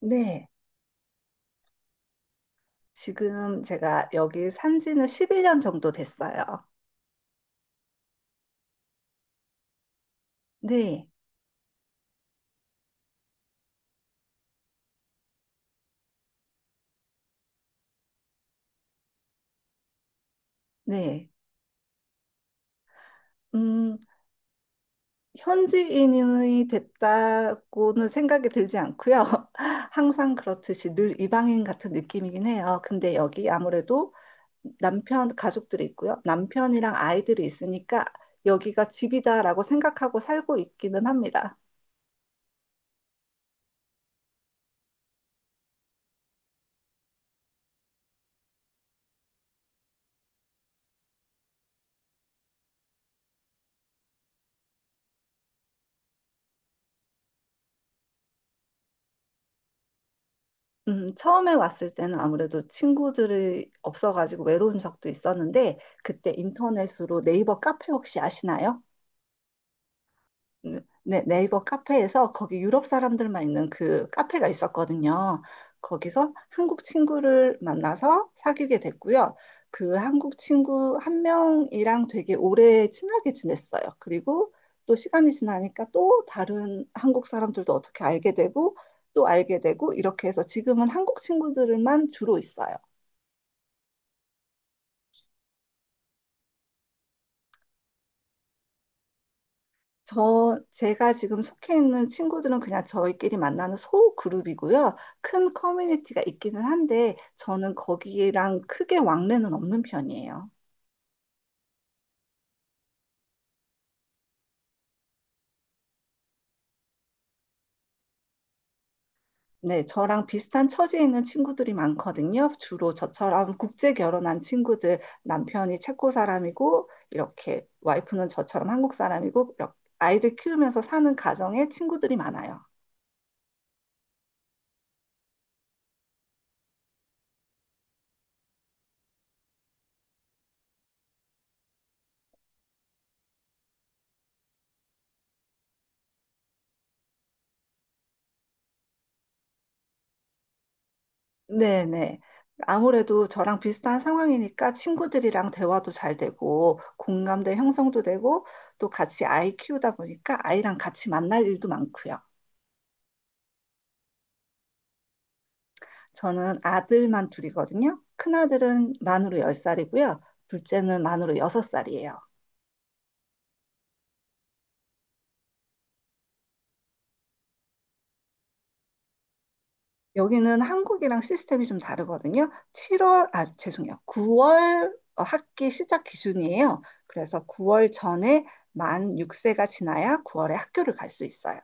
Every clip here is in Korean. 네, 지금 제가 여기 산 지는 11년 정도 됐어요. 네, 네. 음, 현지인이 됐다고는 생각이 들지 않고요. 항상 그렇듯이 늘 이방인 같은 느낌이긴 해요. 근데 여기 아무래도 남편, 가족들이 있고요. 남편이랑 아이들이 있으니까 여기가 집이다라고 생각하고 살고 있기는 합니다. 처음에 왔을 때는 아무래도 친구들이 없어가지고 외로운 적도 있었는데, 그때 인터넷으로 네이버 카페 혹시 아시나요? 네, 네, 네이버 카페에서 거기 유럽 사람들만 있는 그 카페가 있었거든요. 거기서 한국 친구를 만나서 사귀게 됐고요. 그 한국 친구 한 명이랑 되게 오래 친하게 지냈어요. 그리고 또 시간이 지나니까 또 다른 한국 사람들도 어떻게 알게 되고 또 알게 되고 이렇게 해서 지금은 한국 친구들만 주로 있어요. 제가 지금 속해 있는 친구들은 그냥 저희끼리 만나는 소 그룹이고요. 큰 커뮤니티가 있기는 한데, 저는 거기랑 크게 왕래는 없는 편이에요. 네, 저랑 비슷한 처지에 있는 친구들이 많거든요. 주로 저처럼 국제 결혼한 친구들, 남편이 체코 사람이고, 이렇게 와이프는 저처럼 한국 사람이고, 이렇게 아이들 키우면서 사는 가정의 친구들이 많아요. 네네. 아무래도 저랑 비슷한 상황이니까 친구들이랑 대화도 잘 되고, 공감대 형성도 되고, 또 같이 아이 키우다 보니까 아이랑 같이 만날 일도 많고요. 저는 아들만 둘이거든요. 큰아들은 만으로 열 살이고요. 둘째는 만으로 여섯 살이에요. 여기는 한국이랑 시스템이 좀 다르거든요. 7월, 아, 죄송해요. 9월 학기 시작 기준이에요. 그래서 9월 전에 만 6세가 지나야 9월에 학교를 갈 수 있어요.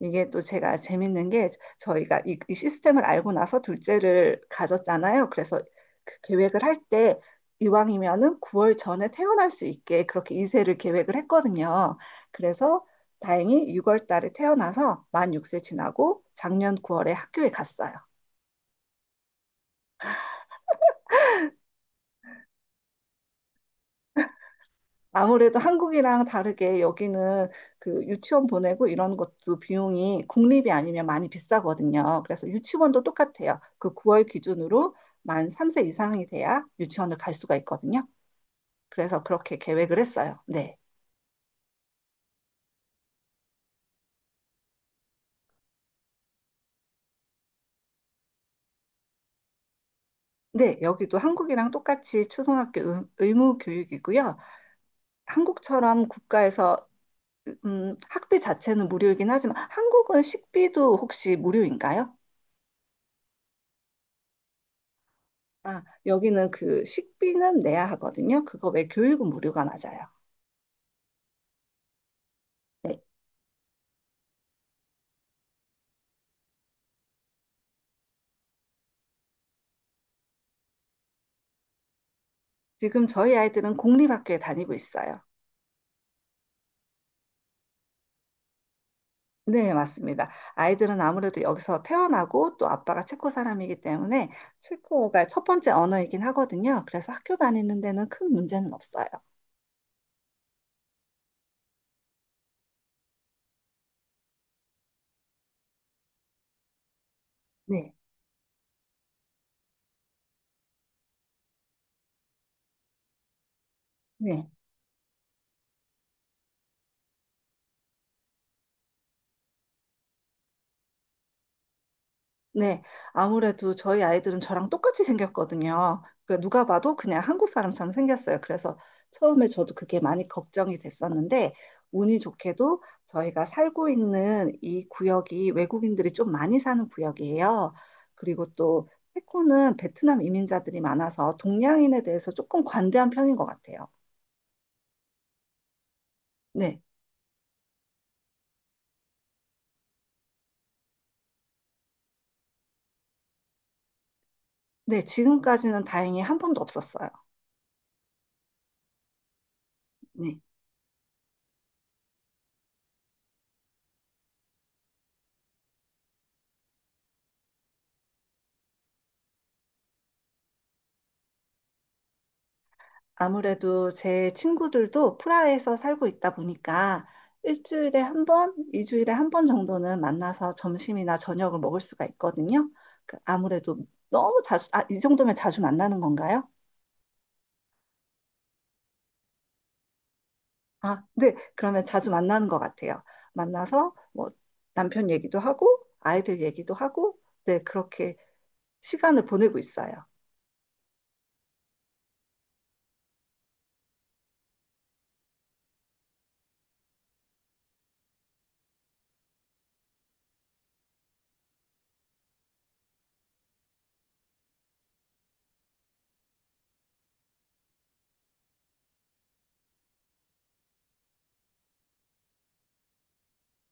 이게 또 제가 재밌는 게 저희가 이 시스템을 알고 나서 둘째를 가졌잖아요. 그래서 그 계획을 할 때 이왕이면은 9월 전에 태어날 수 있게 그렇게 이세를 계획을 했거든요. 그래서 다행히 6월 달에 태어나서 만 6세 지나고 작년 9월에 학교에 갔어요. 아무래도 한국이랑 다르게 여기는 그 유치원 보내고 이런 것도 비용이 국립이 아니면 많이 비싸거든요. 그래서 유치원도 똑같아요. 그 9월 기준으로 만 3세 이상이 돼야 유치원을 갈 수가 있거든요. 그래서 그렇게 계획을 했어요. 네. 네, 여기도 한국이랑 똑같이 초등학교 의무 교육이고요. 한국처럼 국가에서 학비 자체는 무료이긴 하지만 한국은 식비도 혹시 무료인가요? 아, 여기는 그 식비는 내야 하거든요. 그거 외 교육은 무료가 맞아요. 네. 지금 저희 아이들은 공립학교에 다니고 있어요. 네, 맞습니다. 아이들은 아무래도 여기서 태어나고 또 아빠가 체코 사람이기 때문에 체코가 첫 번째 언어이긴 하거든요. 그래서 학교 다니는 데는 큰 문제는 없어요. 네. 네. 네, 아무래도 저희 아이들은 저랑 똑같이 생겼거든요. 그러니까 누가 봐도 그냥 한국 사람처럼 생겼어요. 그래서 처음에 저도 그게 많이 걱정이 됐었는데, 운이 좋게도 저희가 살고 있는 이 구역이 외국인들이 좀 많이 사는 구역이에요. 그리고 또 태코는 베트남 이민자들이 많아서 동양인에 대해서 조금 관대한 편인 것 같아요. 네, 네, 지금까지는 다행히 한 번도 없었어요. 네. 아무래도 제 친구들도 프라하에서 살고 있다 보니까 일주일에 한 번, 이주일에 한 번 정도는 만나서 점심이나 저녁을 먹을 수가 있거든요. 그 아무래도 너무 자주, 아, 이 정도면 자주 만나는 건가요? 아, 네. 그러면 자주 만나는 것 같아요. 만나서 뭐 남편 얘기도 하고 아이들 얘기도 하고 네, 그렇게 시간을 보내고 있어요.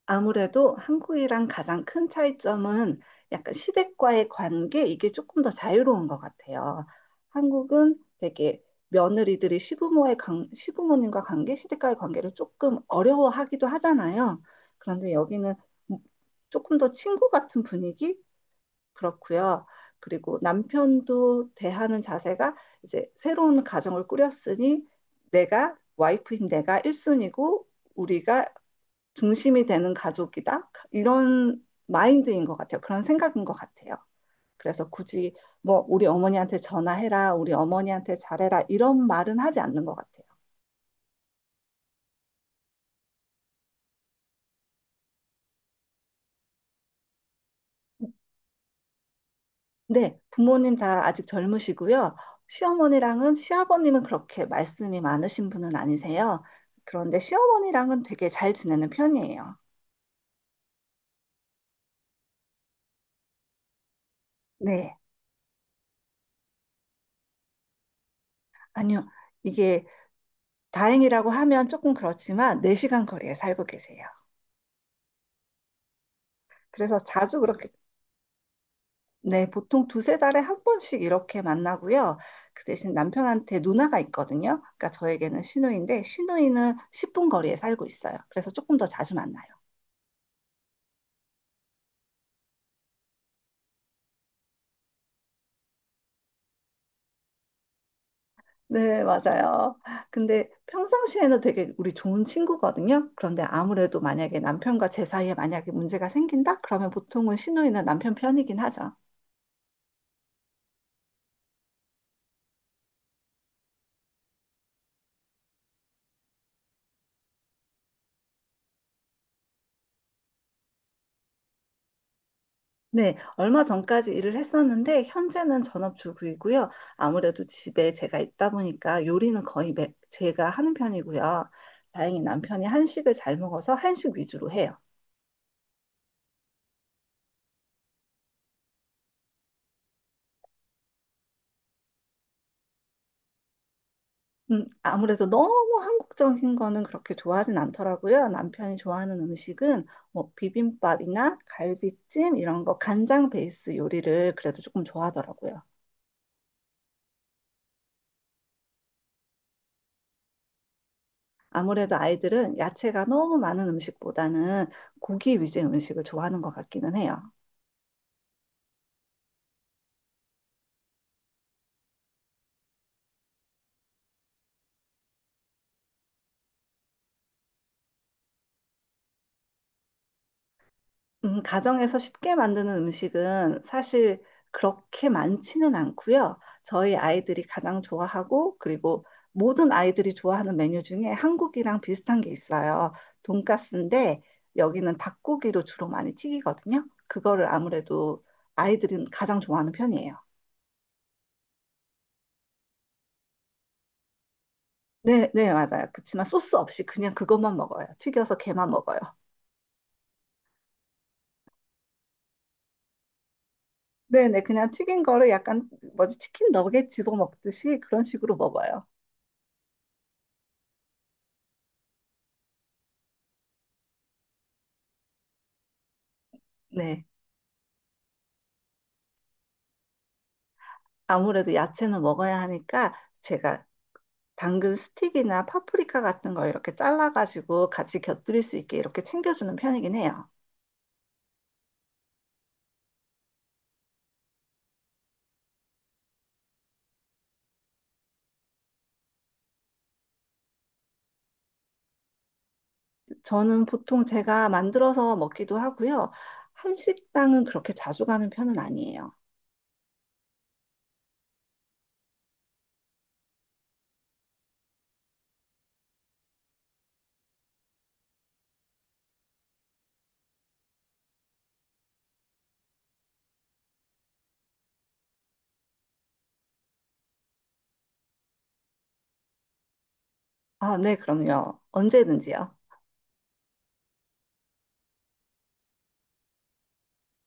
아무래도 한국이랑 가장 큰 차이점은 약간 시댁과의 관계, 이게 조금 더 자유로운 것 같아요. 한국은 되게 며느리들이 시부모의 관, 시부모님과 관계, 시댁과의 관계를 조금 어려워하기도 하잖아요. 그런데 여기는 조금 더 친구 같은 분위기? 그렇고요. 그리고 남편도 대하는 자세가 이제 새로운 가정을 꾸렸으니 내가 와이프인 내가 1순위고 우리가 중심이 되는 가족이다. 이런 마인드인 것 같아요. 그런 생각인 것 같아요. 그래서 굳이 뭐 우리 어머니한테 전화해라, 우리 어머니한테 잘해라 이런 말은 하지 않는 것 같아요. 네, 부모님 다 아직 젊으시고요. 시어머니랑은 시아버님은 그렇게 말씀이 많으신 분은 아니세요. 그런데 시어머니랑은 되게 잘 지내는 편이에요. 네, 아니요. 이게 다행이라고 하면 조금 그렇지만 4시간 거리에 살고 계세요. 그래서 자주 그렇게. 네, 보통 두세 달에 한 번씩 이렇게 만나고요. 그 대신 남편한테 누나가 있거든요. 그러니까 저에게는 시누이인데 시누이는 10분 거리에 살고 있어요. 그래서 조금 더 자주 만나요. 네, 맞아요. 근데 평상시에는 되게 우리 좋은 친구거든요. 그런데 아무래도 만약에 남편과 제 사이에 만약에 문제가 생긴다? 그러면 보통은 시누이는 남편 편이긴 하죠. 네, 얼마 전까지 일을 했었는데 현재는 전업주부이고요. 아무래도 집에 제가 있다 보니까 요리는 거의 제가 하는 편이고요. 다행히 남편이 한식을 잘 먹어서 한식 위주로 해요. 아무래도 너무 한국적인 거는 그렇게 좋아하진 않더라고요. 남편이 좋아하는 음식은 뭐 비빔밥이나 갈비찜 이런 거 간장 베이스 요리를 그래도 조금 좋아하더라고요. 아무래도 아이들은 야채가 너무 많은 음식보다는 고기 위주의 음식을 좋아하는 것 같기는 해요. 가정에서 쉽게 만드는 음식은 사실 그렇게 많지는 않고요. 저희 아이들이 가장 좋아하고 그리고 모든 아이들이 좋아하는 메뉴 중에 한국이랑 비슷한 게 있어요. 돈가스인데 여기는 닭고기로 주로 많이 튀기거든요. 그거를 아무래도 아이들은 가장 좋아하는 편이에요. 네, 네, 맞아요. 그치만 소스 없이 그냥 그것만 먹어요. 튀겨서 걔만 먹어요. 네, 네, 그냥 튀긴 거를 약간 뭐지 치킨 너겟 집어 먹듯이 그런 식으로 먹어요. 네. 아무래도 야채는 먹어야 하니까 제가 당근 스틱이나 파프리카 같은 걸 이렇게 잘라가지고 같이 곁들일 수 있게 이렇게 챙겨주는 편이긴 해요. 저는 보통 제가 만들어서 먹기도 하고요. 한식당은 그렇게 자주 가는 편은 아니에요. 아, 네, 그럼요. 언제든지요.